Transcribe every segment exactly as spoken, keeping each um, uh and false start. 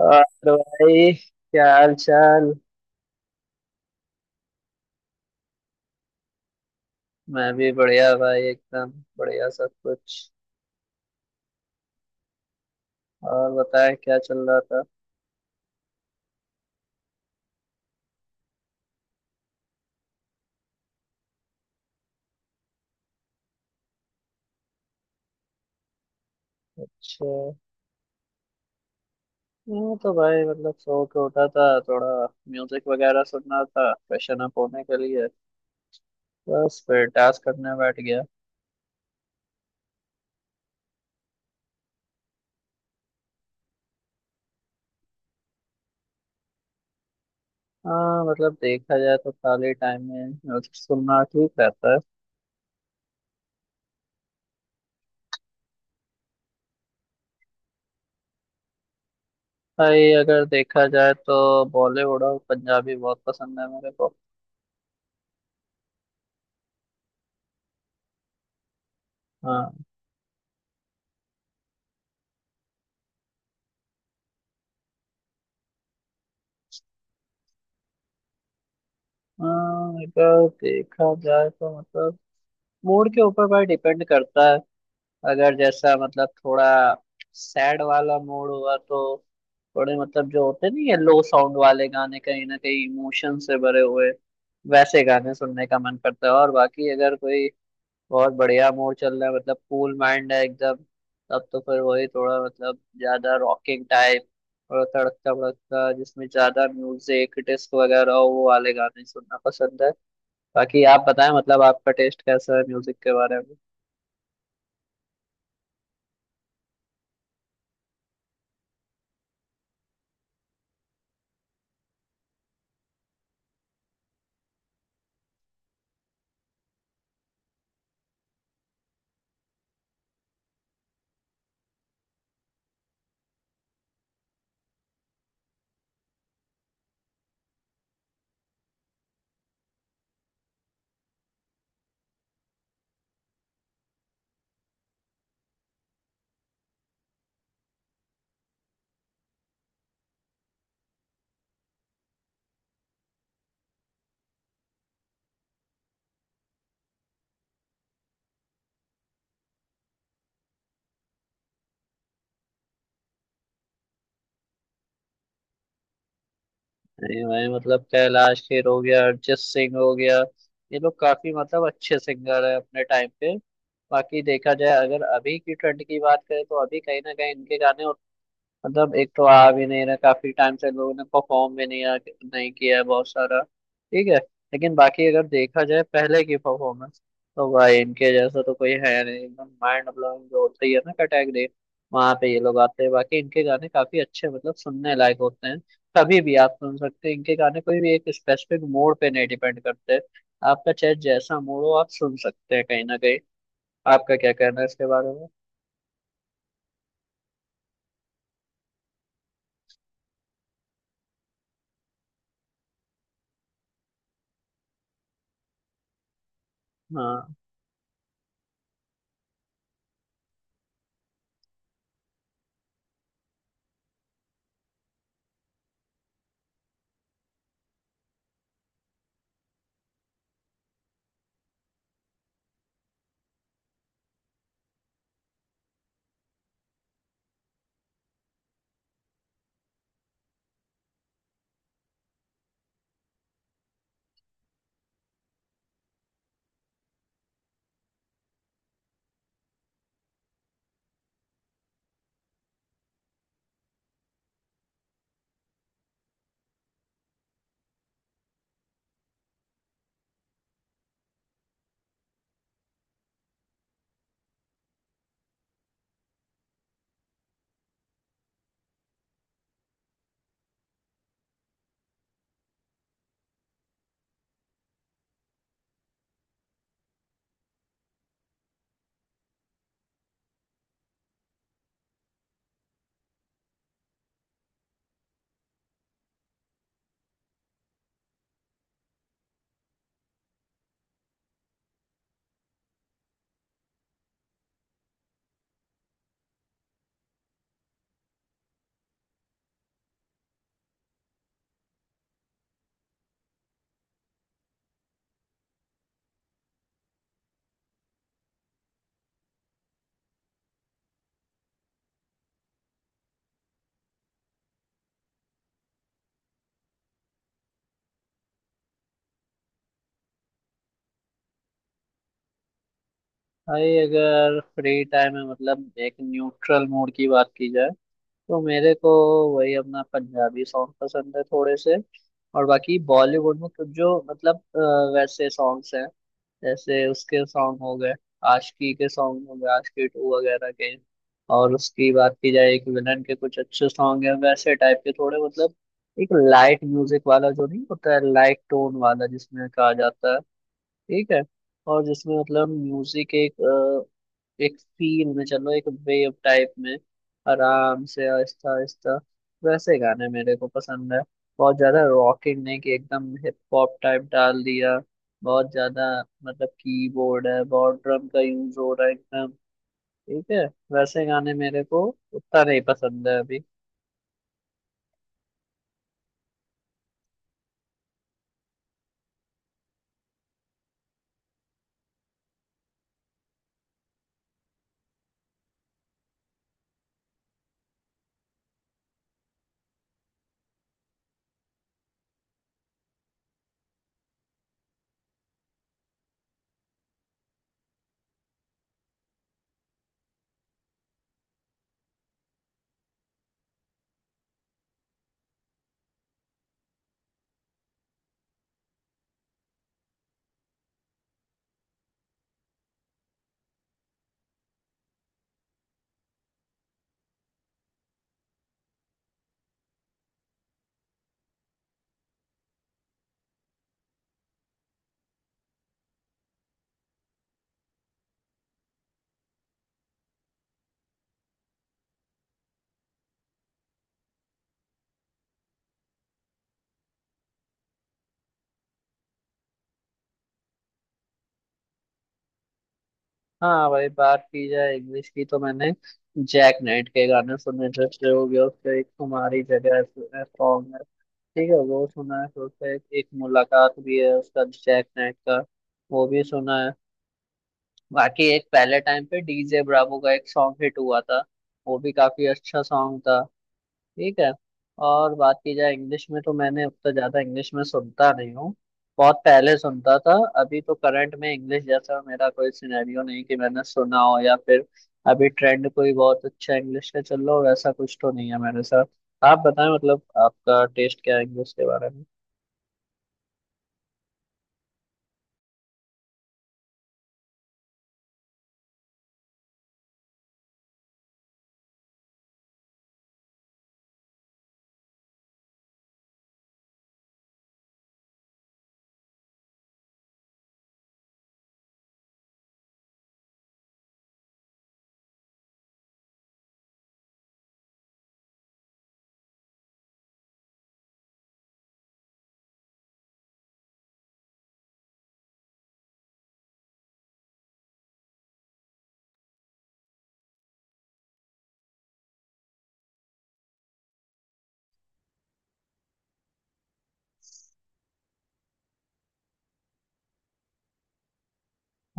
और भाई क्या हाल चाल। मैं भी बढ़िया भाई एकदम बढ़िया सब कुछ। और बताएं क्या चल रहा था। अच्छा। मैं तो भाई मतलब सो के उठा था थोड़ा, म्यूजिक वगैरह सुनना था फ्रेशन अप होने के लिए। बस फिर टास्क करने बैठ गया। हाँ मतलब देखा जाए तो खाली टाइम में म्यूजिक सुनना ठीक रहता है। भाई अगर देखा जाए तो बॉलीवुड और पंजाबी बहुत पसंद है मेरे को। हाँ। हाँ, अगर देखा जाए तो मतलब मूड के ऊपर पर डिपेंड करता है। अगर जैसा मतलब थोड़ा सैड वाला मूड हुआ तो थोड़े मतलब जो होते नहीं है लो साउंड वाले गाने, कहीं ना कहीं इमोशन से भरे हुए, वैसे गाने सुनने का मन करता है। और बाकी अगर कोई बहुत बढ़िया मूड चल रहा है, मतलब कूल माइंड है एकदम, तब तो फिर वही थोड़ा मतलब ज्यादा रॉकिंग टाइप और तड़कता भड़कता जिसमें ज्यादा म्यूजिक डिस्क वगैरह हो, वो वाले गाने सुनना पसंद है। बाकी आप बताएं मतलब आपका टेस्ट कैसा है म्यूजिक के बारे में। नहीं भाई मतलब कैलाश खेर हो गया, अरिजीत सिंह हो गया, ये लोग काफी मतलब अच्छे सिंगर है अपने टाइम पे। बाकी देखा जाए, अगर अभी की ट्रेंड की बात करें तो अभी कहीं ना कहीं इनके गाने मतलब, एक तो आ भी नहीं रहा काफी टाइम से, लोगों ने परफॉर्म भी नहीं आ, नहीं किया है बहुत सारा, ठीक है। लेकिन बाकी अगर देखा जाए पहले की परफॉर्मेंस, तो भाई इनके जैसा तो कोई है नहीं। एकदम माइंड ब्लोइंग जो होता ही है ना कैटेगरी, वहां पे ये लोग आते हैं। बाकी इनके गाने काफी अच्छे मतलब सुनने लायक होते हैं। कभी भी आप सुन सकते हैं इनके गाने, कोई भी एक स्पेसिफिक मूड पे नहीं डिपेंड करते। आपका चाहे जैसा मूड हो आप सुन सकते हैं कहीं ना कहीं। आपका क्या कहना है इसके बारे में। हाँ। भाई अगर फ्री टाइम में मतलब एक न्यूट्रल मूड की बात की जाए, तो मेरे को वही अपना पंजाबी सॉन्ग पसंद है थोड़े से। और बाकी बॉलीवुड में कुछ जो मतलब अ, वैसे सॉन्ग्स हैं, जैसे उसके सॉन्ग हो गए, आशिकी के सॉन्ग हो गए, आशिकी टू वगैरह के। और उसकी बात की जाए, एक विलन के कुछ अच्छे सॉन्ग हैं, वैसे टाइप के थोड़े मतलब एक लाइट म्यूजिक वाला जो नहीं होता है, लाइट टोन वाला जिसमें कहा जाता है ठीक है, और जिसमें मतलब म्यूजिक एक एक फील में चलो, एक वेव टाइप में आराम से आहिस्ता आहिस्ता, वैसे गाने मेरे को पसंद है। बहुत ज्यादा रॉकिंग नहीं कि एकदम हिप हॉप टाइप डाल दिया, बहुत ज्यादा मतलब कीबोर्ड है, बहुत ड्रम का यूज हो रहा है एकदम, ठीक है, वैसे गाने मेरे को उतना नहीं पसंद है अभी। हाँ भाई, बात की जाए इंग्लिश की तो मैंने जैक नाइट के गाने सुने। जैसे हो गया उसका एक तुम्हारी जगह सॉन्ग है, ठीक है वो सुना है। तो उसका एक, एक मुलाकात भी है उसका जैक नाइट का, वो भी सुना है। बाकी एक पहले टाइम पे डीजे ब्रावो का एक सॉन्ग हिट हुआ था, वो भी काफी अच्छा सॉन्ग था, ठीक है। और बात की जाए इंग्लिश में तो मैंने उतना ज्यादा इंग्लिश में सुनता नहीं हूँ। बहुत पहले सुनता था, अभी तो करंट में इंग्लिश जैसा मेरा कोई सिनेरियो नहीं कि मैंने सुना हो, या फिर अभी ट्रेंड कोई बहुत अच्छा इंग्लिश का चल रहा हो, वैसा कुछ तो नहीं है मेरे साथ। आप बताएं मतलब आपका टेस्ट क्या है इंग्लिश के बारे में।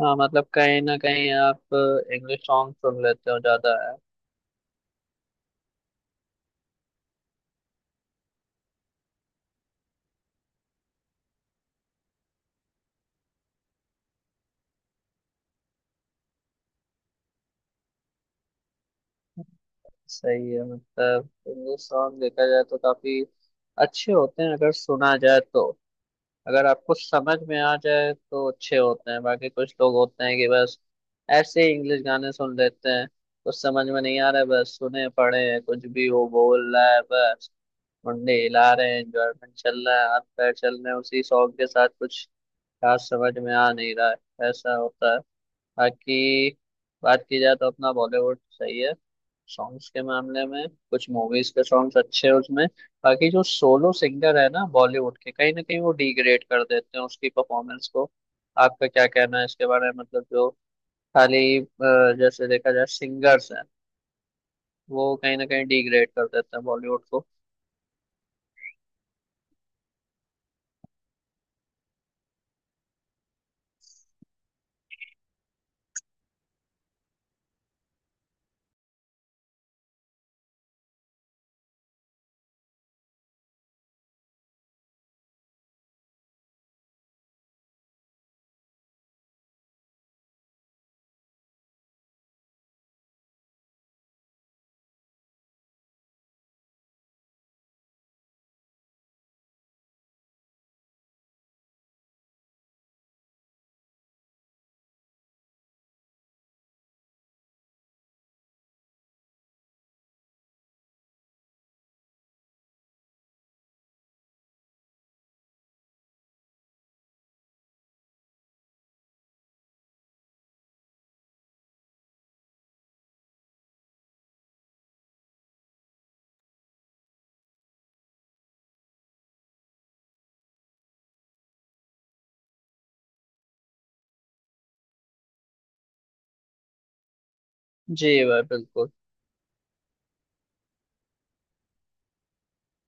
हाँ मतलब कहीं ना कहीं आप इंग्लिश सॉन्ग सुन लेते हो ज्यादा है। सही है मतलब, इंग्लिश सॉन्ग देखा जाए तो काफी अच्छे होते हैं अगर सुना जाए तो, अगर आपको समझ में आ जाए तो अच्छे होते हैं। बाकी कुछ लोग होते हैं कि बस ऐसे ही इंग्लिश गाने सुन लेते हैं, कुछ समझ में नहीं आ रहा है, बस सुने पड़े हैं, कुछ भी वो बोल रहा है बस, मुंडे हिला रहे हैं, एंजॉयमेंट चल रहा है, हाथ पैर चल रहे हैं उसी सॉन्ग के साथ, कुछ खास समझ में आ नहीं रहा है, ऐसा होता है। बाकी बात की जाए तो अपना बॉलीवुड सही है सॉन्ग्स के मामले में, कुछ मूवीज के सॉन्ग्स अच्छे हैं उसमें। बाकी जो सोलो सिंगर है ना बॉलीवुड के, कहीं ना कहीं वो डिग्रेड कर देते हैं उसकी परफॉर्मेंस को। आपका क्या कहना है इसके बारे में, मतलब जो खाली अ, जैसे देखा जाए सिंगर्स हैं, वो कहीं ना कहीं डिग्रेड कर देते हैं बॉलीवुड को। जी भाई बिल्कुल।